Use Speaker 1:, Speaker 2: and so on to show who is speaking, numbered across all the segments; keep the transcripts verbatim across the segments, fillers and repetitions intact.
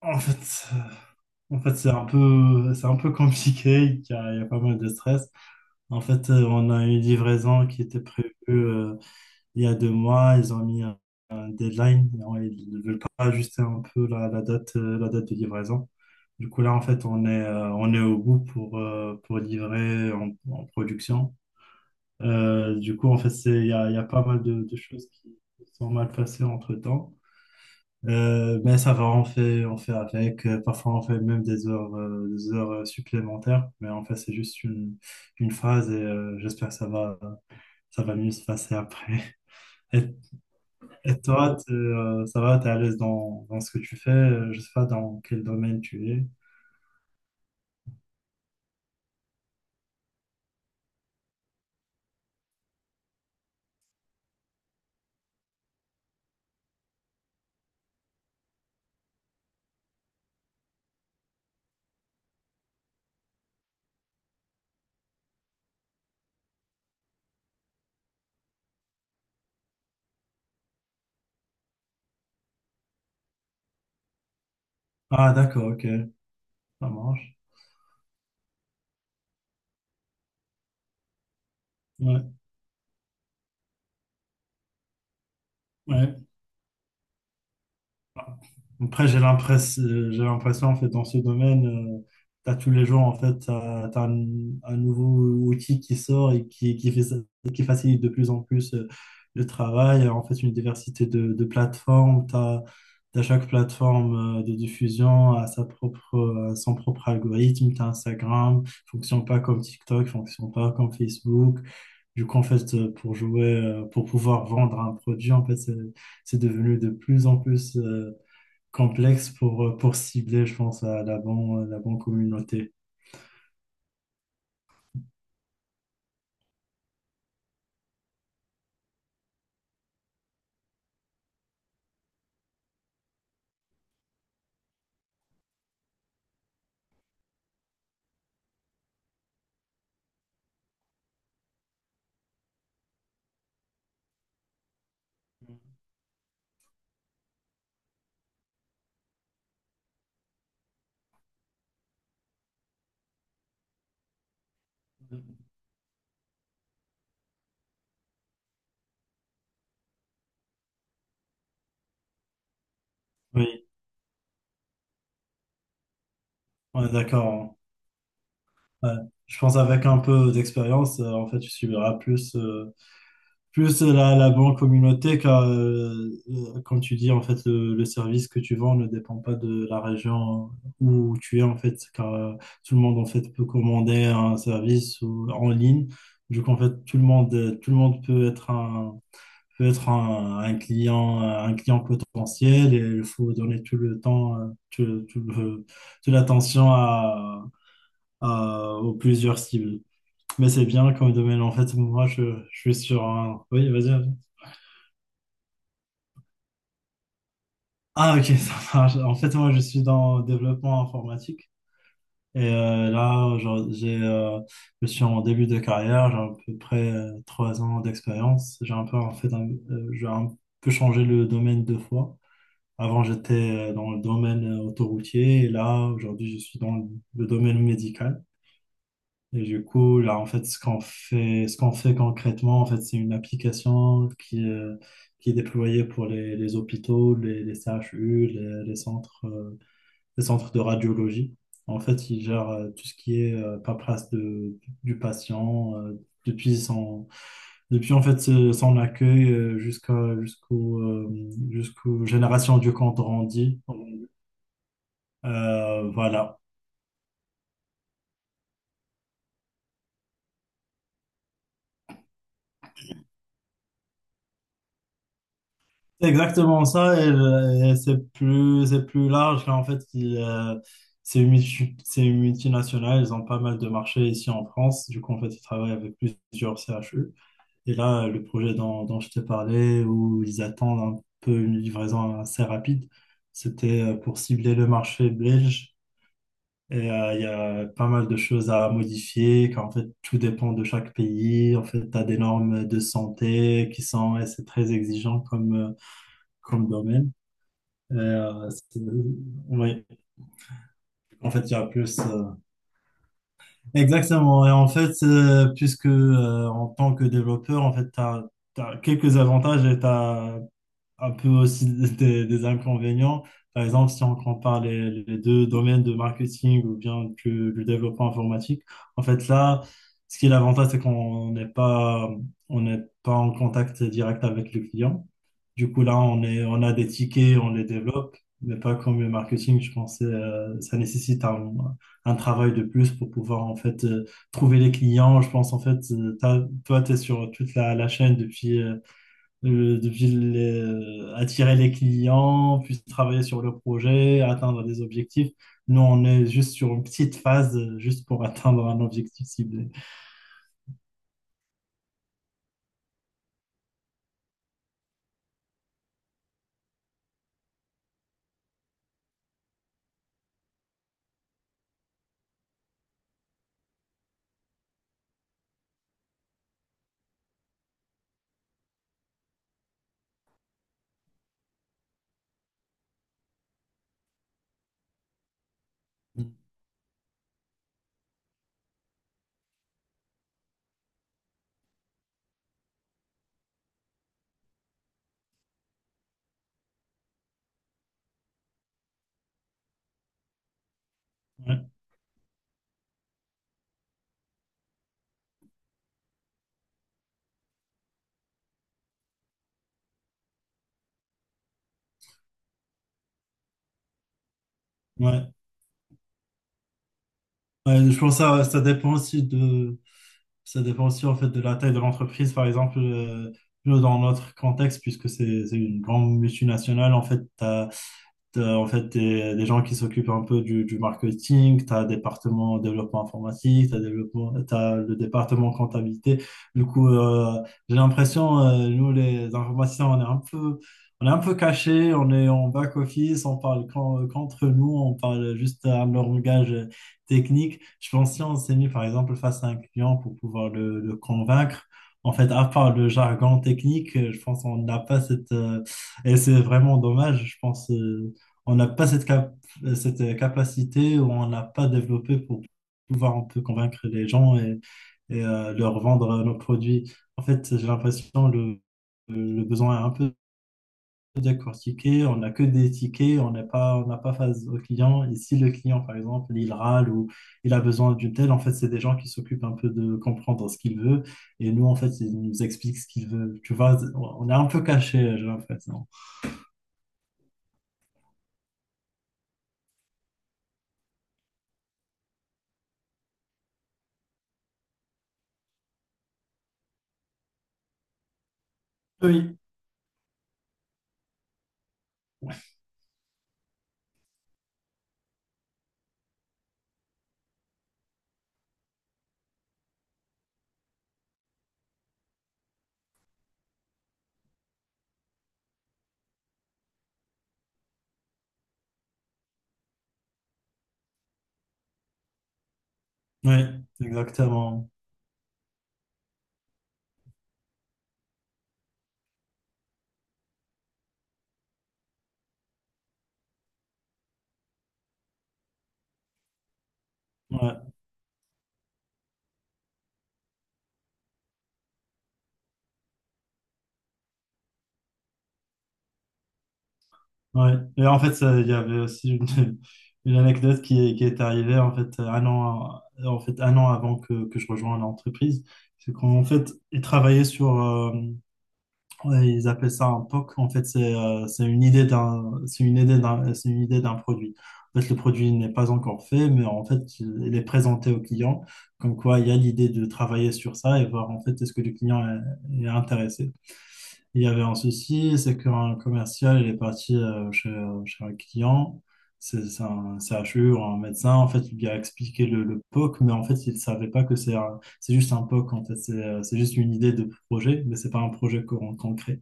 Speaker 1: En fait, euh, en fait c'est un peu, c'est un peu compliqué, il y a, il y a pas mal de stress. En fait, euh, on a une livraison qui était prévue euh, il y a deux mois. Ils ont mis un, un deadline, et ils ne veulent pas ajuster un peu la, la date, euh, la date de livraison. Du coup, là, en fait, on est, euh, on est au bout pour, euh, pour livrer en, en production. Euh, du coup, en fait, c'est, il y a, il y a pas mal de, de choses qui sont mal passées entre-temps. Euh, mais ça va, on fait, on fait avec. Euh, Parfois, on fait même des heures, euh, des heures euh, supplémentaires. Mais en fait, c'est juste une, une phase et euh, j'espère que ça va, ça va mieux se passer après. Et, et toi, t'es, euh, ça va, t'es à l'aise dans, dans ce que tu fais? euh, Je sais pas dans quel domaine tu es. Ah, d'accord, ok, ça marche. Ouais, ouais. Après, j'ai l'impression, j'ai l'impression, en fait, dans ce domaine, tu as tous les jours, en fait, t'as, t'as un, un nouveau outil qui sort et qui, qui fait, ça- qui facilite de plus en plus euh, le travail. En fait, une diversité de, de plateformes. t'as as, chaque plateforme euh, de diffusion à sa propre, à son propre algorithme. T'as Instagram, fonctionne pas comme TikTok, fonctionne pas comme Facebook. Du coup, en fait, euh, pour jouer, euh, pour pouvoir vendre un produit, en fait, c'est c'est devenu de plus en plus. euh, complexe pour, euh, pour cibler, je pense, à la bonne, la bonne communauté. Oui, on est d'accord. Hein. Ouais. Je pense avec un peu d'expérience, euh, en fait, tu subiras plus, euh, plus la, la bonne communauté car, euh, euh, comme tu dis, en fait, le, le service que tu vends ne dépend pas de la région euh, où tu es, en fait, car euh, tout le monde, en fait, peut commander un service ou- en ligne. Du coup, en fait, tout le monde, euh, tout le monde peut être un, peut être un, un client, un client potentiel, et il faut donner tout le temps, euh, tout, tout le- toute l'attention à, à- aux plusieurs cibles. Mais c'est bien comme domaine. En fait, moi, je, je suis sur un... Oui, vas-y. Vas-y. Ah, ok, ça marche. En fait, moi, je suis dans le développement informatique. Et euh, là, genre, j'ai, euh, je suis en début de carrière. J'ai à peu près euh, trois ans d'expérience. J'ai un peu, en fait, un- euh, j'ai un peu changé le domaine deux fois. Avant, j'étais euh, dans le domaine euh, autoroutier, et là, aujourd'hui, je suis dans le domaine médical. Et du coup, là, en fait, ce qu'on fait, ce qu'on fait concrètement, en fait, c'est une application qui, euh, qui est déployée pour les, les hôpitaux, les, les C H U, les, les centres, euh, les centres de radiologie. En fait, ils gèrent euh, tout ce qui est euh, paperasse de, du patient euh, depuis son, depuis en fait ce- son accueil euh, jusqu'à jusqu'aux euh, jusqu'aux générations du compte rendu euh, voilà. C'est exactement ça, et, le- et c'est plus, c'est plus large. En fait, il, euh, c'est une, multi- c'est une multinationale, ils ont pas mal de marchés ici en France. Du coup, en fait, ils travaillent avec plusieurs C H U. Et là, le projet dont, dont je t'ai parlé, où ils attendent un peu une livraison assez rapide, c'était euh, pour cibler le marché belge. Et euh, il y a pas mal de choses à modifier, car en fait, tout dépend de chaque pays. En fait, tu as des normes de santé qui sont, et c'est très exigeant comme, euh, comme domaine. Et, euh, c'est- oui, en fait, il y a plus. euh, Exactement. Et en fait, euh, puisque euh, en tant que développeur, en fait, tu as quelques avantages, et tu un peu aussi des, des inconvénients. Par exemple, si on compare les, les deux domaines de marketing ou bien du, du développement informatique, en fait là, ce qui est l'avantage, c'est qu'on n'est pas, on n'est pas en contact direct avec le client. Du coup, là, on est, on a des tickets, on les développe, mais pas comme le marketing. Je pense que euh, ça nécessite un, un travail de plus pour pouvoir en fait euh, trouver les clients. Je pense en fait, euh, t'as- toi, tu es sur toute la, la chaîne depuis euh, de, de vil- euh, attirer les clients, puis travailler sur le projet, atteindre des objectifs. Nous, on est juste sur une petite phase, euh, juste pour atteindre un objectif ciblé. Ouais, ouais. Ouais, je pense que ça, ça dépend aussi de, ça dépend aussi en fait de la taille de l'entreprise. Par exemple, euh, nous, dans notre contexte, puisque c'est c'est une grande multinationale, en fait, T'as, en fait des, des gens qui s'occupent un peu du, du marketing, tu as un département développement informatique, tu as développement, t'as le département comptabilité. Du coup, euh, j'ai l'impression, euh, nous les informaticiens, on est un peu, on est un peu cachés, on est en back office, on parle qu'en- qu'entre nous, on parle juste un langage technique. Je pense que si on s'est mis par exemple face à un client pour pouvoir le, le convaincre, en fait, à part le jargon technique, je pense qu'on n'a pas cette... euh, Et c'est vraiment dommage, je pense. Euh, on n'a pas cette, cap- cette capacité, ou on n'a pas développé pour pouvoir un peu convaincre les gens, et, et, euh, leur vendre nos produits. En fait, j'ai l'impression que le, le besoin est un peu décortiqué, on n'a que des tickets, on n'est pas, on n'a pas face au client. Et si le client, par exemple, il râle ou il a besoin d'une telle, en fait, c'est des gens qui s'occupent un peu de comprendre ce qu'il veut. Et nous, en fait, ils nous expliquent ce qu'il veut. Tu vois, on est un peu caché, j'ai l'impression. Oui. Oui, exactement. Ouais. Ouais. Et en fait, ça- il y avait aussi une, une anecdote qui, est- qui est arrivée en fait un an, en fait, un an avant que, que je rejoigne l'entreprise. C'est qu'en fait, ils travaillaient sur, euh, ouais, ils appelaient ça un P O C. En fait, c'est euh, c'est une idée d'un, c'est une idée d'un, c'est une idée d'un produit. En fait, le produit n'est pas encore fait, mais en fait, il il est présenté au client. Comme quoi, il y a l'idée de travailler sur ça et voir en fait est-ce que le client est, est intéressé. Il y avait un souci, c'est qu'un commercial, il est parti euh, chez, euh, chez un client, c'est c'est un C H U ou un médecin. En fait, il lui a expliqué le, le P O C, mais en fait, il ne savait pas que c'est un- c'est juste un P O C, en fait, c'est euh, c'est juste une idée de projet, mais c'est pas un projet co- concret.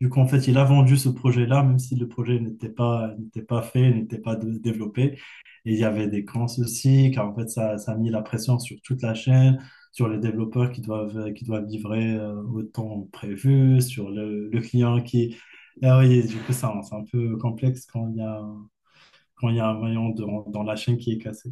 Speaker 1: Du coup, en fait, il a vendu ce projet-là, même si le projet n'était pas, n'était pas fait, n'était pas de- développé. Et il y avait des grands soucis, car en fait, ça, ça a mis la pression sur toute la chaîne, sur les développeurs qui doivent, euh, qui doivent livrer euh, au temps prévu, sur le, le client qui... Ah oui, du coup, ça, c'est un peu complexe quand il y a, quand il y a un maillon dans dans la chaîne qui est cassé.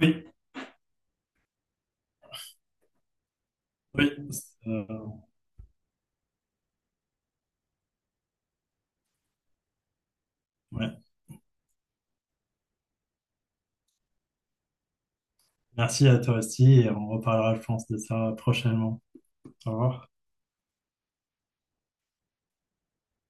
Speaker 1: Oui, oui. Euh, ouais. Merci à toi aussi, et on reparlera, je pense, de ça prochainement. Au revoir.